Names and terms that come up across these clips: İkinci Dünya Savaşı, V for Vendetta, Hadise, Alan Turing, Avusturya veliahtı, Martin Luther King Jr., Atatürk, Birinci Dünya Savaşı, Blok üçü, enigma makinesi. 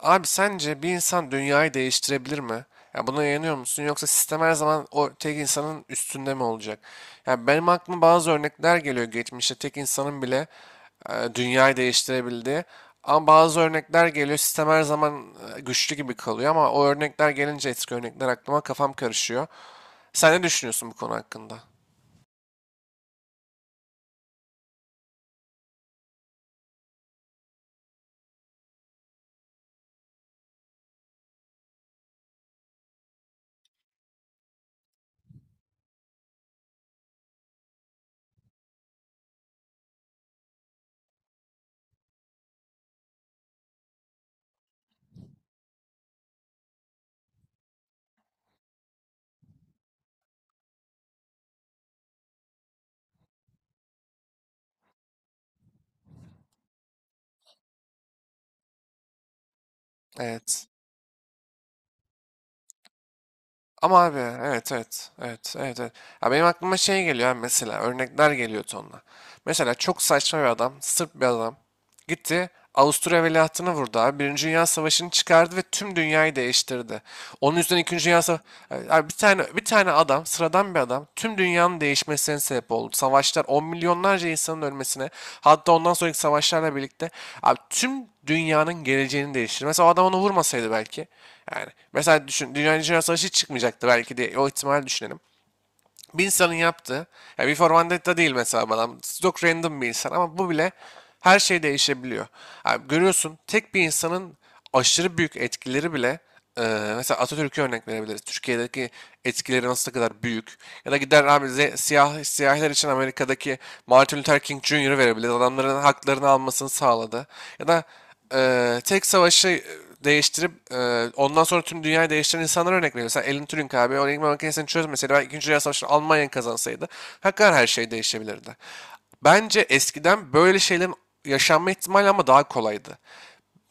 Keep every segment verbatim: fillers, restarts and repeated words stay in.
Abi sence bir insan dünyayı değiştirebilir mi? Ya buna inanıyor musun? Yoksa sistem her zaman o tek insanın üstünde mi olacak? Ya benim aklıma bazı örnekler geliyor geçmişte tek insanın bile e, dünyayı değiştirebildiği. Ama bazı örnekler geliyor sistem her zaman e, güçlü gibi kalıyor ama o örnekler gelince eski örnekler aklıma kafam karışıyor. Sen ne düşünüyorsun bu konu hakkında? Evet. Ama abi evet, evet, evet, evet, evet. Ya benim aklıma şey geliyor abi, mesela örnekler geliyor tonla. Mesela çok saçma bir adam, sırf bir adam. Gitti. Avusturya veliahtını vurdu abi. Birinci Dünya Savaşı'nı çıkardı ve tüm dünyayı değiştirdi. Onun yüzünden İkinci Dünya Savaşı... Abi bir tane, bir tane adam, sıradan bir adam tüm dünyanın değişmesine sebep oldu. Savaşlar, on milyonlarca insanın ölmesine, hatta ondan sonraki savaşlarla birlikte abi tüm dünyanın geleceğini değiştirdi. Mesela o adam onu vurmasaydı belki. Yani mesela düşün, Dünya Dünya Savaşı hiç çıkmayacaktı belki diye o ihtimali düşünelim. Bir insanın yaptığı, ya V for Vendetta değil mesela adam, çok random bir insan ama bu bile her şey değişebiliyor. Yani görüyorsun tek bir insanın aşırı büyük etkileri bile, e, mesela Atatürk'e örnek verebiliriz. Türkiye'deki etkileri nasıl kadar büyük. Ya da gider abi, ze- siyah, siyahiler için Amerika'daki Martin Luther King junior verebiliriz. Adamların haklarını almasını sağladı. Ya da Eee, tek savaşı e, değiştirip e, ondan sonra tüm dünyayı değiştiren insanlara örnek veriyor. Mesela Alan Turing abi o enigma makinesini çözmeseydi, belki ikinci Dünya Savaşı'nı Almanya kazansaydı hakikaten her şey değişebilirdi. Bence eskiden böyle şeylerin yaşanma ihtimali ama daha kolaydı,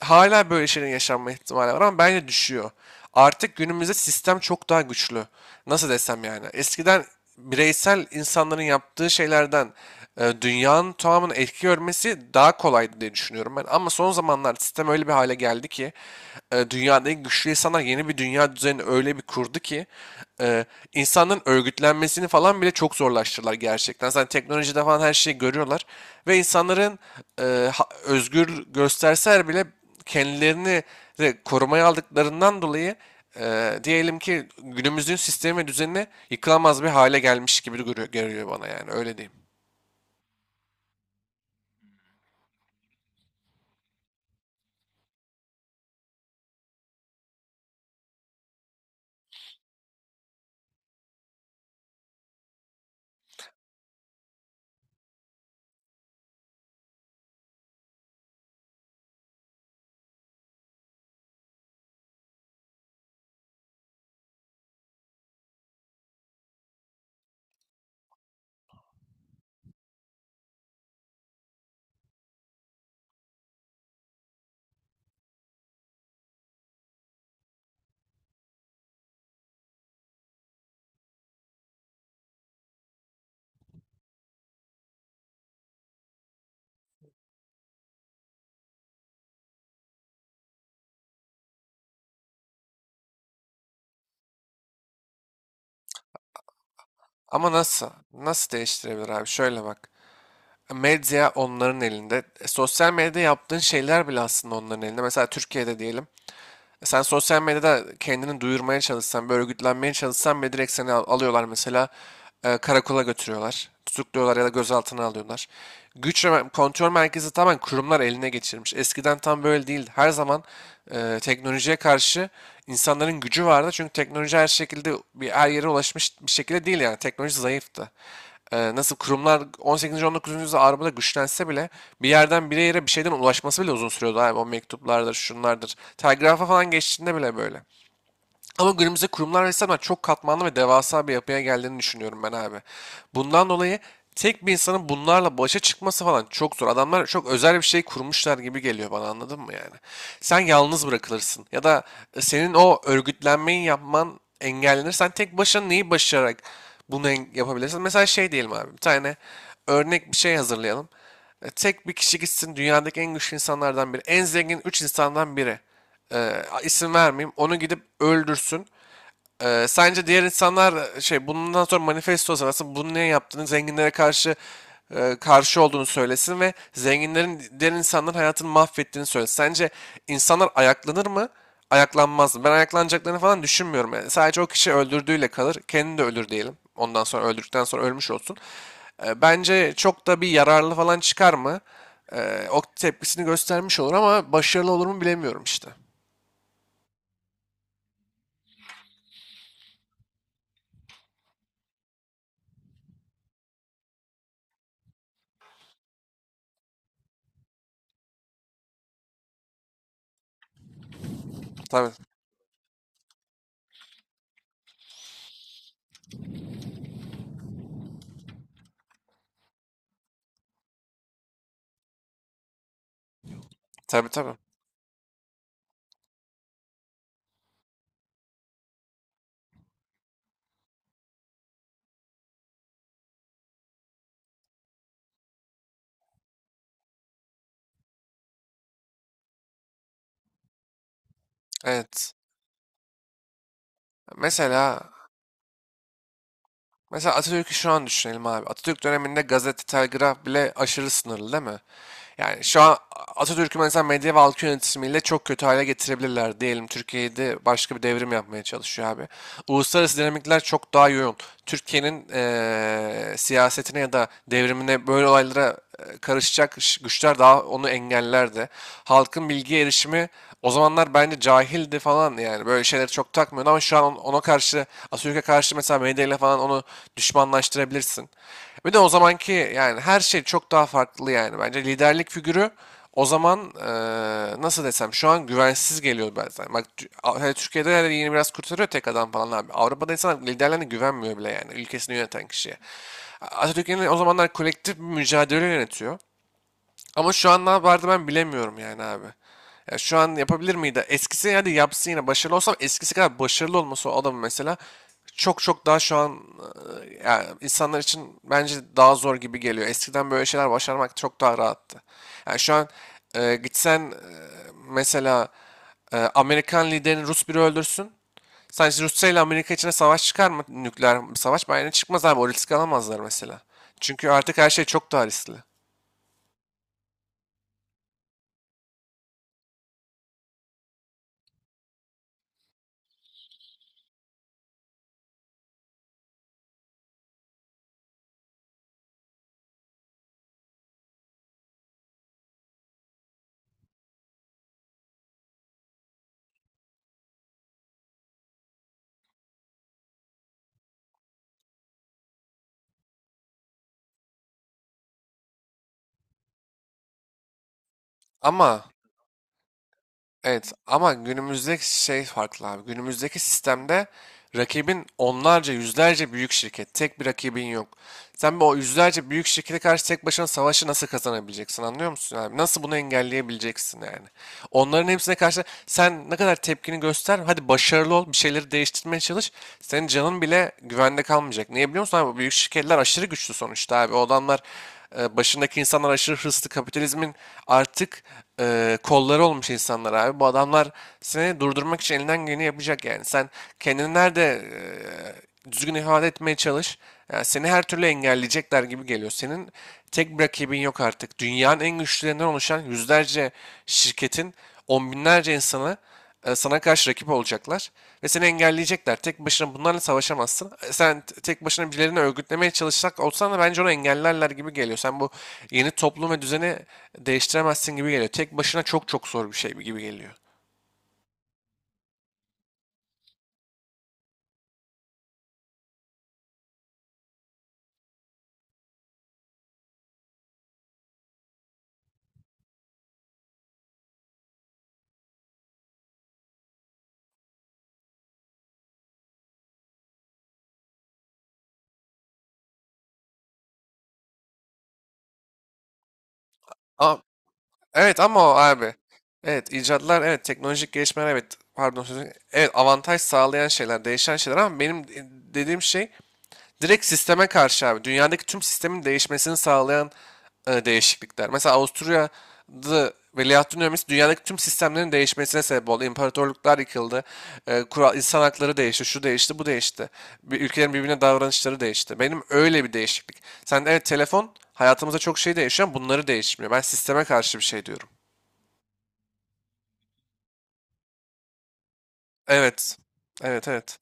hala böyle şeylerin yaşanma ihtimali var ama bence düşüyor. Artık günümüzde sistem çok daha güçlü. Nasıl desem yani. Eskiden bireysel insanların yaptığı şeylerden e, dünyanın tamamını etki görmesi daha kolaydı diye düşünüyorum ben. Ama son zamanlar sistem öyle bir hale geldi ki e, dünyadaki güçlü insanlar yeni bir dünya düzenini öyle bir kurdu ki e, insanların örgütlenmesini falan bile çok zorlaştırdılar gerçekten. Zaten teknolojide falan her şeyi görüyorlar ve insanların e, ha- özgür gösterseler bile kendilerini de korumaya aldıklarından dolayı e, diyelim ki günümüzün sistemi ve düzenine yıkılamaz bir hale gelmiş gibi görüyor, görüyor bana, yani öyle diyeyim. Ama nasıl? Nasıl değiştirebilir abi? Şöyle bak. Medya onların elinde. E, Sosyal medyada yaptığın şeyler bile aslında onların elinde. Mesela Türkiye'de diyelim. Sen sosyal medyada kendini duyurmaya çalışsan, bir örgütlenmeye çalışsan bile direkt seni al- alıyorlar mesela, e, karakola götürüyorlar. Tutukluyorlar ya da gözaltına alıyorlar. Güç ve mer- kontrol merkezi tamamen kurumlar eline geçirmiş. Eskiden tam böyle değildi. Her zaman e, teknolojiye karşı insanların gücü vardı. Çünkü teknoloji her şekilde bir her yere ulaşmış bir şekilde değil yani. Teknoloji zayıftı, e, nasıl kurumlar on sekizinci. on dokuzuncu yüzyılda Avrupa'da güçlense bile bir yerden bir yere bir şeyden ulaşması bile uzun sürüyordu abi. O mektuplardır, şunlardır. Telgrafa falan geçtiğinde bile böyle. Ama günümüzde kurumlar resmen çok katmanlı ve devasa bir yapıya geldiğini düşünüyorum ben abi. Bundan dolayı tek bir insanın bunlarla başa çıkması falan çok zor. Adamlar çok özel bir şey kurmuşlar gibi geliyor bana, anladın mı yani? Sen yalnız bırakılırsın ya da senin o örgütlenmeyi yapman engellenir. Sen tek başına neyi başararak bunu en- yapabilirsin? Mesela şey diyelim abi, bir tane örnek bir şey hazırlayalım. E, Tek bir kişi gitsin dünyadaki en güçlü insanlardan biri, en zengin üç insandan biri. E, isim vermeyeyim. Onu gidip öldürsün. Ee, sence diğer insanlar, şey, bundan sonra manifesto sırası bunu niye yaptığını zenginlere karşı e, karşı olduğunu söylesin ve zenginlerin diğer insanların hayatını mahvettiğini söylesin. Sence insanlar ayaklanır mı? Ayaklanmaz mı? Ben ayaklanacaklarını falan düşünmüyorum yani. Sadece o kişi öldürdüğüyle kalır. Kendi de ölür diyelim. Ondan sonra öldürdükten sonra ölmüş olsun. E, Bence çok da bir yararlı falan çıkar mı? E, O tepkisini göstermiş olur ama başarılı olur mu bilemiyorum işte. Tabii, tabii, tabii. Evet. Mesela Mesela Atatürk'ü şu an düşünelim abi. Atatürk döneminde gazete, telgraf bile aşırı sınırlı değil mi? Yani şu an Atatürk'ü mesela medya ve halk yönetimiyle çok kötü hale getirebilirler. Diyelim Türkiye'de başka bir devrim yapmaya çalışıyor abi. Uluslararası dinamikler çok daha yoğun. Türkiye'nin eee, siyasetine ya da devrimine, böyle olaylara eee, karışacak ş- güçler daha onu engellerdi. Halkın bilgiye erişimi o zamanlar bence cahildi falan, yani böyle şeyleri çok takmıyordu ama şu an on- ona karşı, Atatürk'e karşı mesela medyayla falan onu düşmanlaştırabilirsin. Bir de o zamanki yani her şey çok daha farklı yani, bence liderlik figürü o zaman, eee, nasıl desem, şu an güvensiz geliyor bazen. Bak Tü- A- hani Türkiye'de yani yeni biraz kurtarıyor tek adam falan abi. Avrupa'da insanlar liderlerine güvenmiyor bile yani, ülkesini yöneten kişiye. Atatürk yine o zamanlar kolektif bir mücadele yönetiyor. Ama şu an ne yapardı ben bilemiyorum yani abi. Ya şu an yapabilir miydi? Eskisi hadi yapsın yine başarılı olsam, eskisi kadar başarılı olması o adamın mesela çok çok daha şu an, e, yani insanlar için bence daha zor gibi geliyor. Eskiden böyle şeyler başarmak çok daha rahattı. Yani şu an e, gitsen, e, mesela e, Amerikan liderini Rus biri öldürsün. Sence Rusya ile Amerika içine savaş çıkar mı? Nükleer bir savaş. Bence çıkmaz abi. O riski alamazlar mesela. Çünkü artık her şey çok daha riskli. Ama evet, ama günümüzdeki şey farklı abi. Günümüzdeki sistemde rakibin onlarca yüzlerce büyük şirket. Tek bir rakibin yok. Sen bir o yüzlerce büyük şirkete karşı tek başına savaşı nasıl kazanabileceksin, anlıyor musun abi? Nasıl bunu engelleyebileceksin yani? Onların hepsine karşı sen ne kadar tepkini göster. Hadi başarılı ol, bir şeyleri değiştirmeye çalış. Senin canın bile güvende kalmayacak. Niye biliyor musun abi? Bu büyük şirketler aşırı güçlü sonuçta abi. O adamlar, e, başındaki insanlar aşırı hırslı kapitalizmin artık e, kolları olmuş insanlar abi. Bu adamlar seni durdurmak için elinden geleni yapacak yani. Sen kendini nerede e, düzgün ifade etmeye çalış. Yani seni her türlü engelleyecekler gibi geliyor. Senin tek bir rakibin yok artık. Dünyanın en güçlülerinden oluşan yüzlerce şirketin on binlerce insanı e, sana karşı rakip olacaklar ve seni engelleyecekler. Tek başına bunlarla savaşamazsın. E, Sen tek başına birilerini örgütlemeye çalışsak olsan da bence onu engellerler gibi geliyor. Sen bu yeni toplum ve düzeni değiştiremezsin gibi geliyor. Tek başına çok çok zor bir şey gibi geliyor. Ama evet, ama o abi. Evet, icatlar evet, teknolojik gelişmeler evet, pardon sözü evet, avantaj sağlayan şeyler, değişen şeyler ama benim dediğim şey direkt sisteme karşı abi. Dünyadaki tüm sistemin değişmesini sağlayan e, değişiklikler. Mesela Avusturya'da veliahtın ölmesi dünyadaki tüm sistemlerin değişmesine sebep oldu. İmparatorluklar yıkıldı. E, kural, insan hakları değişti. Şu değişti, bu değişti. Bir, ülkelerin birbirine davranışları değişti. Benim öyle bir değişiklik. Sen evet, telefon hayatımızda çok şey değişiyor ama bunları değişmiyor. Ben sisteme karşı bir şey diyorum. Evet. Evet, evet.